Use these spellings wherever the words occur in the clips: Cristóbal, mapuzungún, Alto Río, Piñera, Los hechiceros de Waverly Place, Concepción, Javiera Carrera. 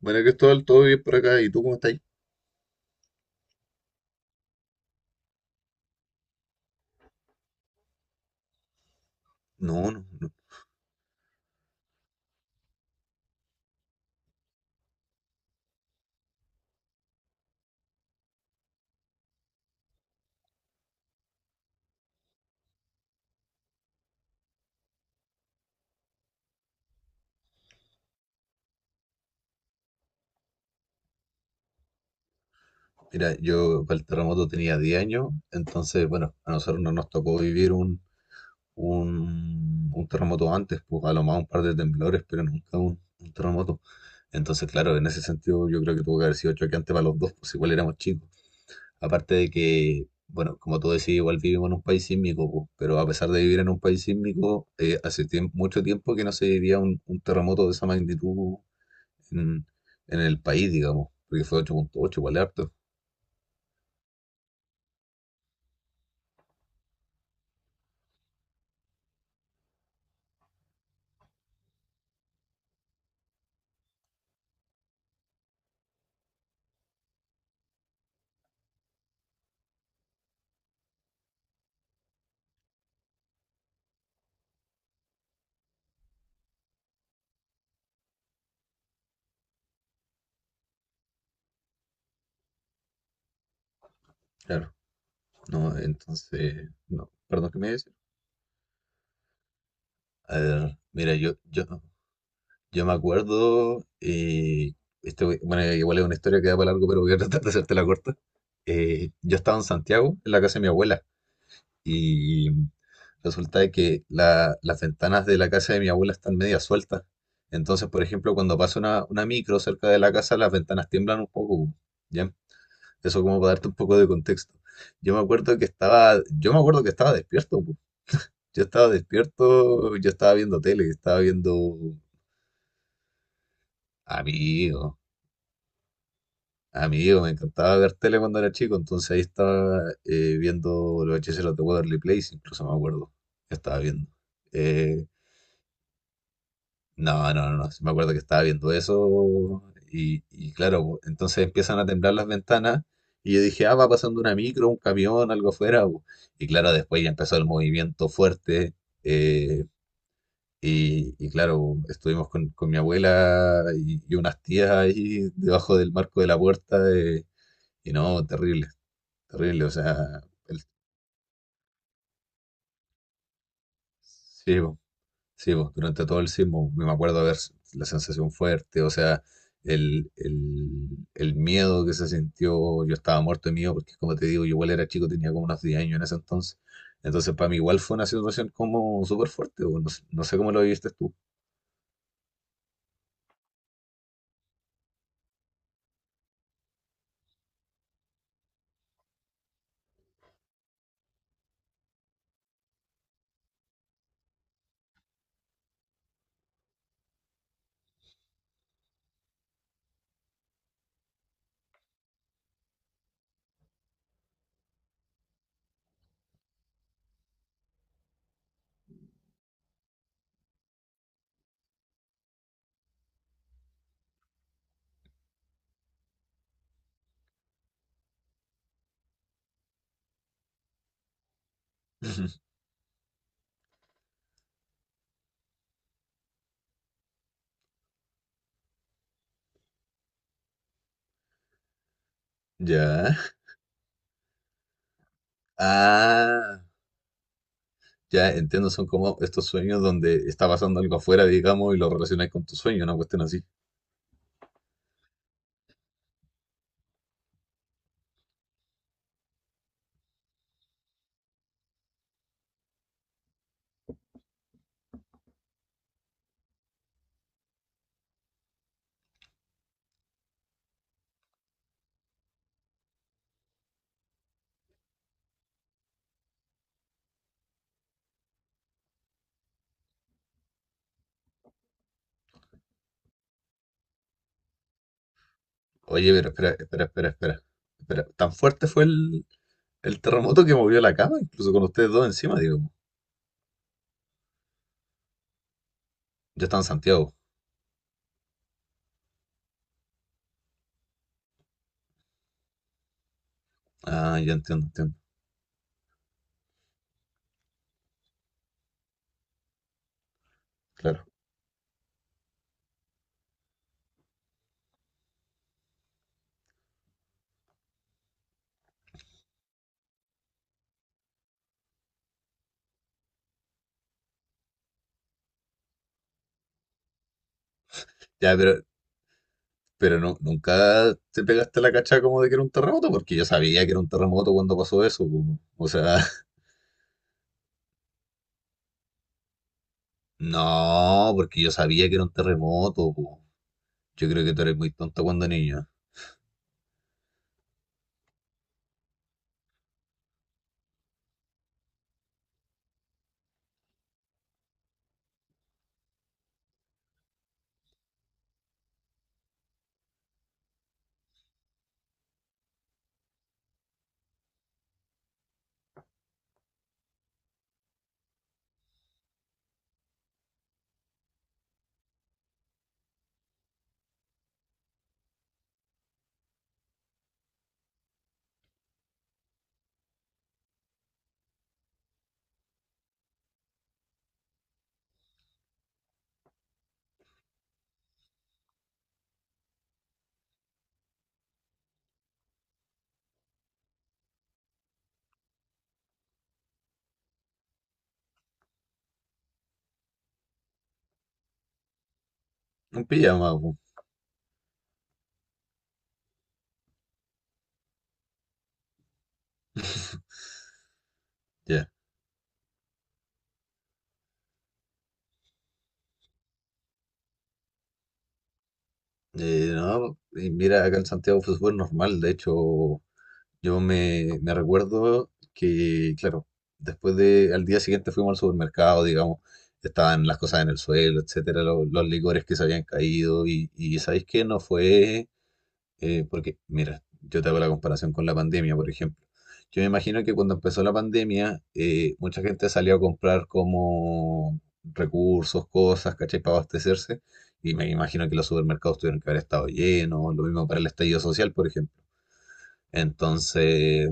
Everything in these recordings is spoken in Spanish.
Bueno, Cristóbal, todo bien por acá. ¿Y tú cómo estás? No, no, no. Mira, yo para el terremoto tenía 10 años, entonces, bueno, a nosotros no nos tocó vivir un terremoto antes, pues a lo más un par de temblores, pero nunca un terremoto. Entonces, claro, en ese sentido yo creo que tuvo que haber sido choqueante para los dos, pues igual éramos chicos. Aparte de que, bueno, como tú decías, igual vivimos en un país sísmico, pues, pero a pesar de vivir en un país sísmico, hace mucho tiempo que no se vivía un terremoto de esa magnitud en, en el país, digamos, porque fue 8.8, igual es harto. Claro, no, entonces, no, perdón, ¿qué me dices? A ver, mira, yo me acuerdo, bueno, igual es una historia que da para largo, pero voy a tratar de hacerte la corta. Yo estaba en Santiago, en la casa de mi abuela, y resulta de que las ventanas de la casa de mi abuela están media sueltas. Entonces, por ejemplo, cuando pasa una micro cerca de la casa, las ventanas tiemblan un poco, ¿ya? Eso como para darte un poco de contexto. Yo me acuerdo que estaba despierto, po. Yo estaba despierto, yo estaba viendo tele, estaba viendo amigo, amigo, me encantaba ver tele cuando era chico, entonces ahí estaba viendo Los Hechiceros de Waverly Place, incluso me acuerdo, que estaba viendo. Eh, No, no, no, sí me acuerdo que estaba viendo eso y claro, entonces empiezan a temblar las ventanas y yo dije, ah, va pasando una micro, un camión, algo afuera. Bu. Y claro, después ya empezó el movimiento fuerte eh, y claro, estuvimos con mi abuela y unas tías ahí debajo del marco de la puerta y no, terrible, terrible, o sea, el- sí, bu. Sí, pues, durante todo el sismo pues, me acuerdo de ver la sensación fuerte, o sea, el, el, el miedo que se sintió, yo estaba muerto de miedo, porque como te digo, yo igual era chico, tenía como unos 10 años en ese entonces, entonces para mí igual fue una situación como súper fuerte, pues, no sé cómo lo viviste tú. Ya. Ah, ya entiendo, son como estos sueños donde está pasando algo afuera, digamos, y lo relacionas con tu sueño, una cuestión así. Oye, pero espera, espera, espera, espera. Espera, ¿tan fuerte fue el terremoto que movió la cama, incluso con ustedes dos encima, digo? Ya está en Santiago. Ah, ya entiendo, entiendo. Claro. Ya, pero, no, nunca te pegaste la cacha como de que era un terremoto, porque yo sabía que era un terremoto cuando pasó eso. Po. O sea, no, porque yo sabía que era un terremoto. Po. Yo creo que tú eres muy tonto cuando niño. Un pijama, po. Ya. No, y mira, acá en Santiago fue súper normal. De hecho, yo me recuerdo que, claro, al día siguiente fuimos al supermercado, digamos, estaban las cosas en el suelo, etcétera, los licores que se habían caído, y ¿sabéis qué? No fue, porque, mira, yo te hago la comparación con la pandemia, por ejemplo. Yo me imagino que cuando empezó la pandemia, mucha gente salió a comprar como recursos, cosas, ¿cachai? Para abastecerse, y me imagino que los supermercados tuvieron que haber estado llenos, lo mismo para el estallido social, por ejemplo. Entonces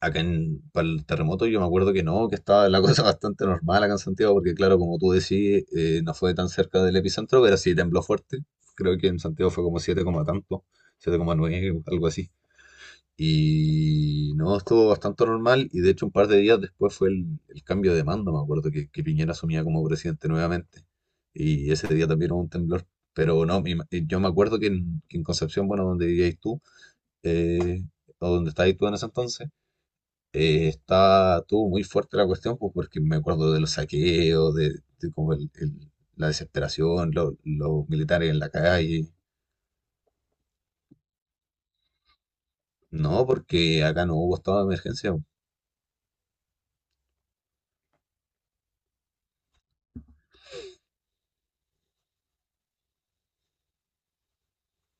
acá para el terremoto yo me acuerdo que no, que estaba la cosa bastante normal acá en Santiago, porque claro, como tú decís, no fue tan cerca del epicentro, pero sí tembló fuerte. Creo que en Santiago fue como 7 coma tanto, 7,9 algo así. Y no, estuvo bastante normal y de hecho un par de días después fue el cambio de mando, me acuerdo que, Piñera asumía como presidente nuevamente. Y ese día también hubo un temblor. Pero no, yo me acuerdo que en Concepción, bueno, donde vivíais tú, eh, o donde estabas tú en ese entonces, tuvo muy fuerte la cuestión, pues porque me acuerdo de los saqueos, de como la desesperación, los militares en la calle. No, porque acá no hubo estado de emergencia.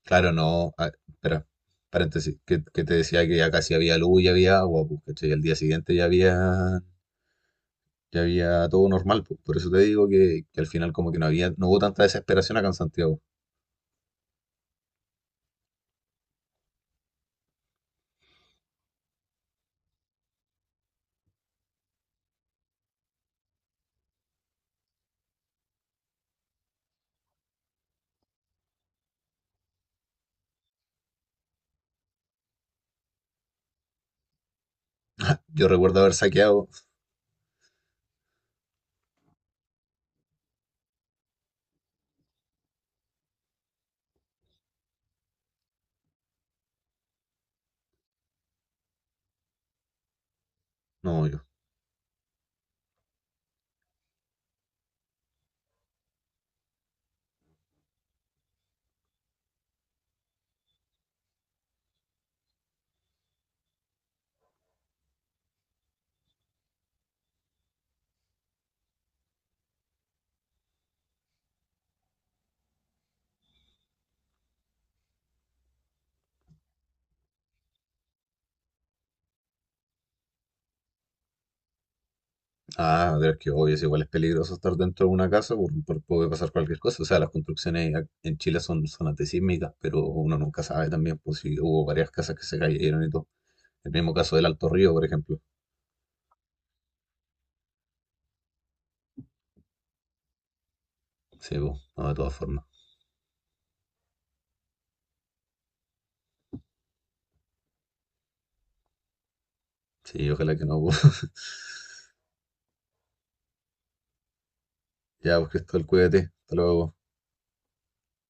Claro, no. Ah, espera, paréntesis, que te decía que acá sí había luz y había agua, pues, ¿cachai? Al día siguiente ya había todo normal, pues. Por eso te digo que al final como que no había, no hubo tanta desesperación acá en Santiago. Yo recuerdo haber saqueado, no, yo. Ah, pero es que obvio, es igual es peligroso estar dentro de una casa, puede pasar cualquier cosa. O sea, las construcciones en Chile son antisísmicas, pero uno nunca sabe también, pues si hubo varias casas que se cayeron y todo. El mismo caso del Alto Río, por ejemplo. Sí, pues, no, de todas formas. Sí, ojalá que no, pues. Ya, pues, Cristóbal, cuídate. Hasta luego.